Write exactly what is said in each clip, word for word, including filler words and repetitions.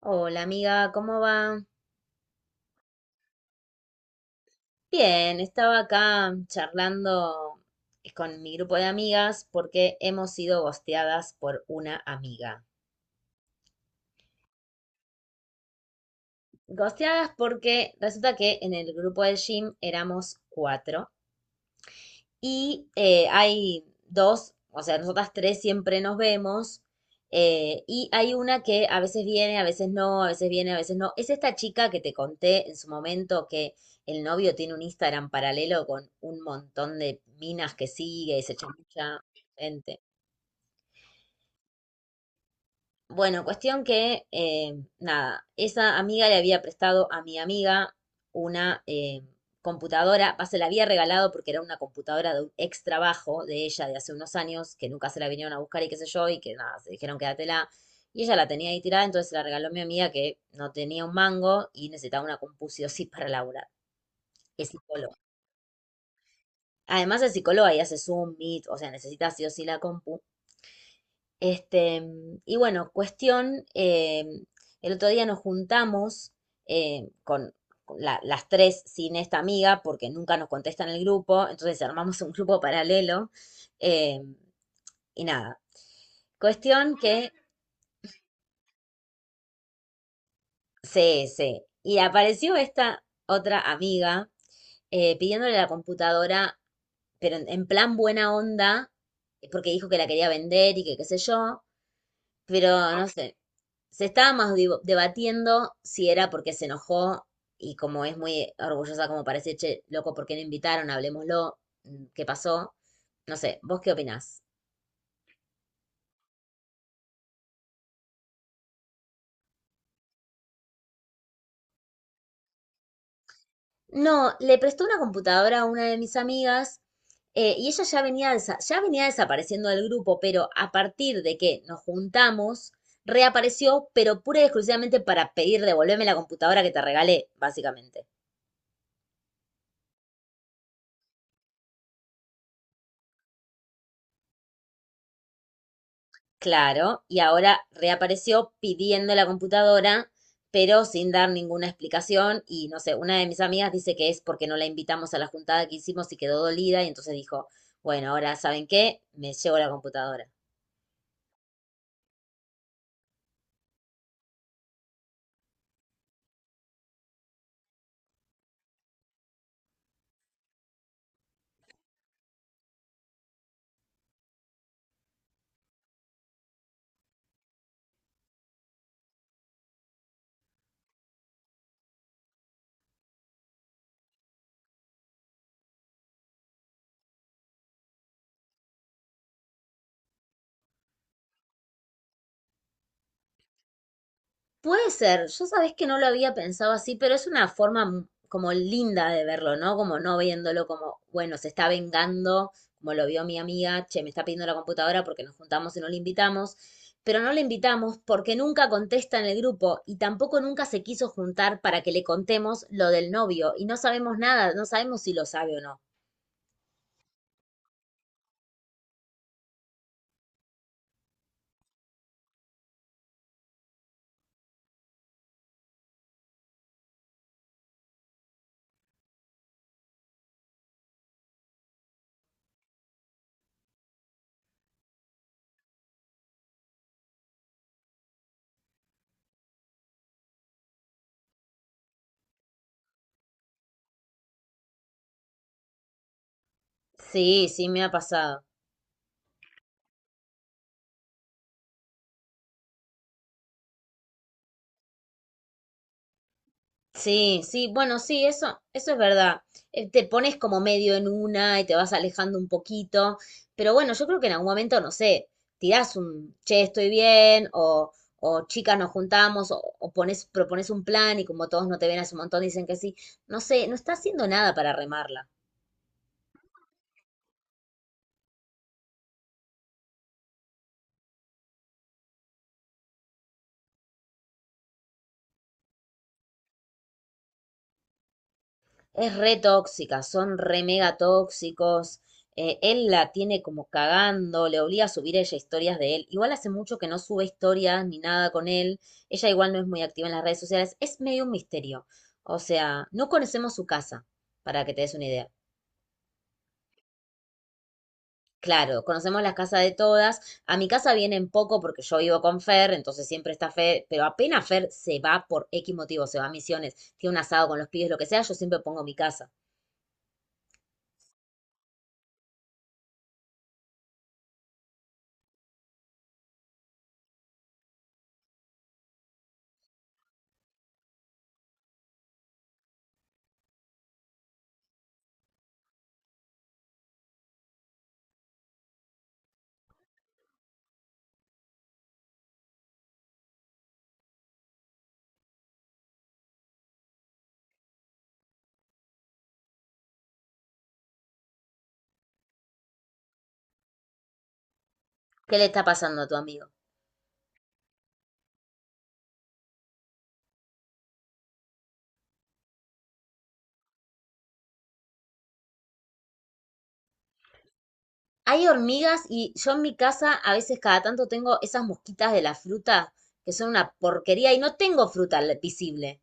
Hola amiga, ¿cómo va? Bien, estaba acá charlando con mi grupo de amigas porque hemos sido gosteadas por una amiga. Gosteadas porque resulta que en el grupo de gym éramos cuatro y eh, hay dos, o sea, nosotras tres siempre nos vemos. Eh, y hay una que a veces viene, a veces no, a veces viene, a veces no. Es esta chica que te conté en su momento que el novio tiene un Instagram paralelo con un montón de minas que sigue y se chamulla gente. Bueno, cuestión que, eh, nada, esa amiga le había prestado a mi amiga una eh, computadora, va, se la había regalado porque era una computadora de un ex trabajo de ella de hace unos años, que nunca se la vinieron a buscar y qué sé yo, y que nada, se dijeron quédatela. Y ella la tenía ahí tirada, entonces se la regaló a mi amiga que no tenía un mango y necesitaba una compu sí o sí para laburar. Es psicóloga. Además es psicóloga y hace Zoom, Meet, o sea, necesita sí o sí la compu. Este, y bueno, cuestión, eh, el otro día nos juntamos eh, con con la- las tres sin esta amiga porque nunca nos contesta en el grupo, entonces armamos un grupo paralelo eh, y nada. Cuestión que se, se, y apareció esta otra amiga eh, pidiéndole la computadora, pero en, en plan buena onda, porque dijo que la quería vender y que qué sé yo. Pero no sé, se estaba más divo- debatiendo si era porque se enojó y como es muy orgullosa como parece, che, loco, ¿por qué no invitaron? Hablemoslo, mm, ¿qué pasó? No sé, ¿vos qué opinás? No, le prestó una computadora a una de mis amigas eh, y ella ya venía, desa- ya venía desapareciendo del grupo, pero a partir de que nos juntamos, reapareció, pero pura y exclusivamente para pedir devolverme la computadora que te regalé, básicamente. Claro, y ahora reapareció pidiendo la computadora, pero sin dar ninguna explicación. Y no sé, una de mis amigas dice que es porque no la invitamos a la juntada que hicimos y quedó dolida. Y entonces dijo, bueno, ahora ¿saben qué? Me llevo la computadora. Puede ser, yo sabés que no lo había pensado así, pero es una forma m- como linda de verlo, ¿no? Como no viéndolo como, bueno, se está vengando, como lo vio mi amiga, che, me está pidiendo la computadora porque nos juntamos y no le invitamos, pero no le invitamos porque nunca contesta en el grupo y tampoco nunca se quiso juntar para que le contemos lo del novio y no sabemos nada, no sabemos si lo sabe o no. Sí, sí, me ha pasado. Sí, sí, bueno, sí, eso, eso es verdad. Eh, Te pones como medio en una y te vas alejando un poquito, pero bueno, yo creo que en algún momento, no sé, tirás un, che, estoy bien, o, o chicas nos juntamos, o, o pones, propones un plan y como todos no te ven hace un montón, dicen que sí. No sé, no está haciendo nada para remarla. Es re tóxica, son re mega tóxicos. Eh, él la tiene como cagando, le obliga a subir ella historias de él. Igual hace mucho que no sube historias ni nada con él. Ella igual no es muy activa en las redes sociales. Es medio un misterio. O sea, no conocemos su casa, para que te des una idea. Claro, conocemos las casas de todas. A mi casa vienen poco porque yo vivo con Fer, entonces siempre está Fer, pero apenas Fer se va por X motivo, se va a misiones, tiene un asado con los pibes, lo que sea, yo siempre pongo mi casa. ¿Qué le está pasando a tu amigo? Hay hormigas y yo en mi casa a veces cada tanto tengo esas mosquitas de la fruta que son una porquería y no tengo fruta le- visible.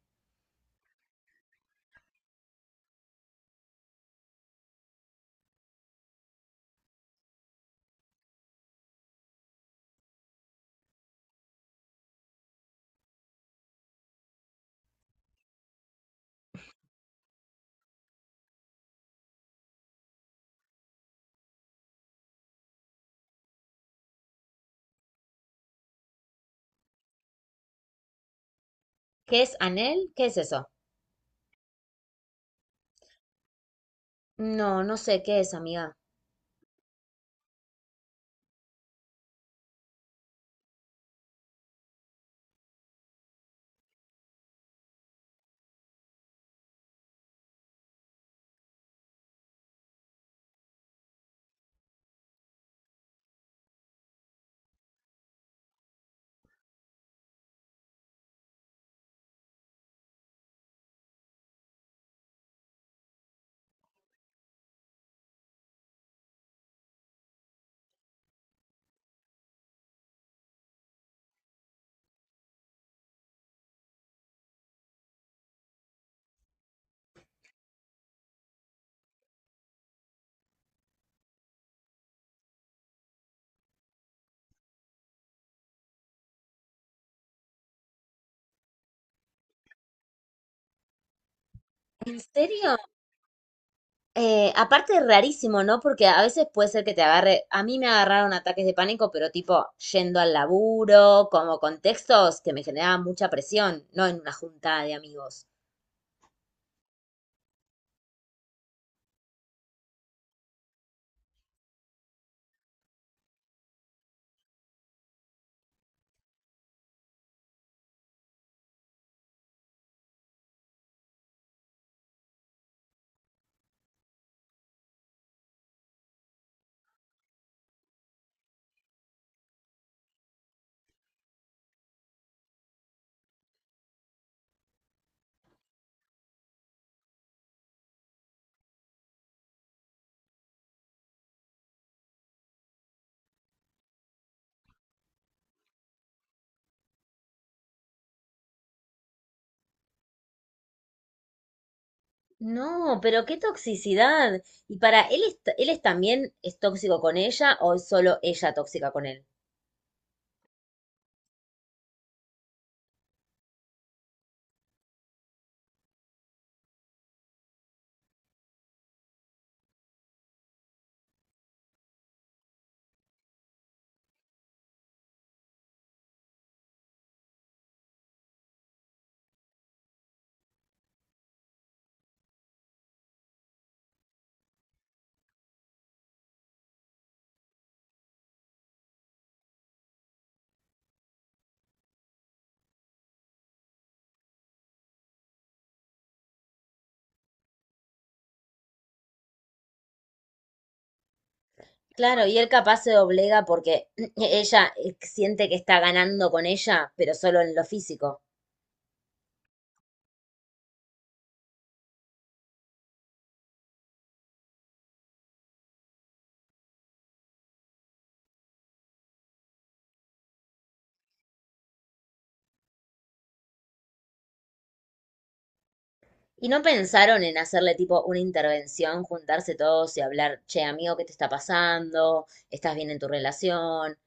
¿Qué es anel? ¿Qué es eso? No, no sé qué es, amiga. ¿En serio? Eh, aparte es rarísimo, ¿no? Porque a veces puede ser que te agarre, a mí me agarraron ataques de pánico, pero tipo yendo al laburo, como contextos que me generaban mucha presión, no en una junta de amigos. No, pero qué toxicidad. Y para él, es, él es también es tóxico con ella o es solo ella tóxica con él. Claro, y él capaz se doblega porque ella eh, siente que está ganando con ella, pero solo en lo físico. ¿Y no pensaron en hacerle tipo una intervención, juntarse todos y hablar, che, amigo, ¿qué te está pasando? ¿Estás bien en tu relación?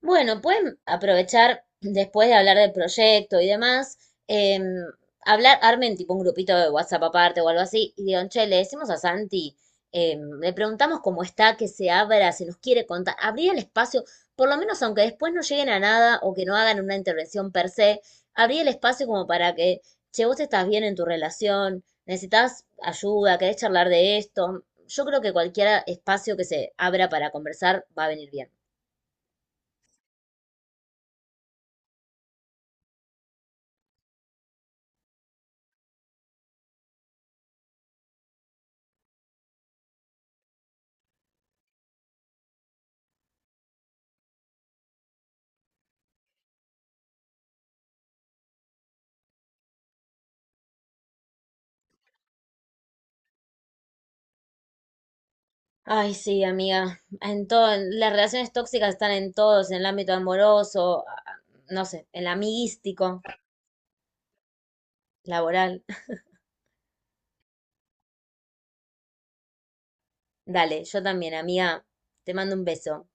Bueno, pueden aprovechar, después de hablar del proyecto y demás, em, hablar, armen tipo un grupito de WhatsApp aparte o algo así, y digan, che, le decimos a Santi, em, le preguntamos cómo está, que se abra, si nos quiere contar, abrir el espacio, por lo menos aunque después no lleguen a nada o que no hagan una intervención per se, abrir el espacio como para que, che, vos estás bien en tu relación, necesitas ayuda, querés charlar de esto. Yo creo que cualquier espacio que se abra para conversar va a venir bien. Ay, sí, amiga. En todo, las relaciones tóxicas están en todos, en el ámbito amoroso, a- a- no sé, en el amiguístico, laboral. Dale, yo también, amiga. Te mando un beso.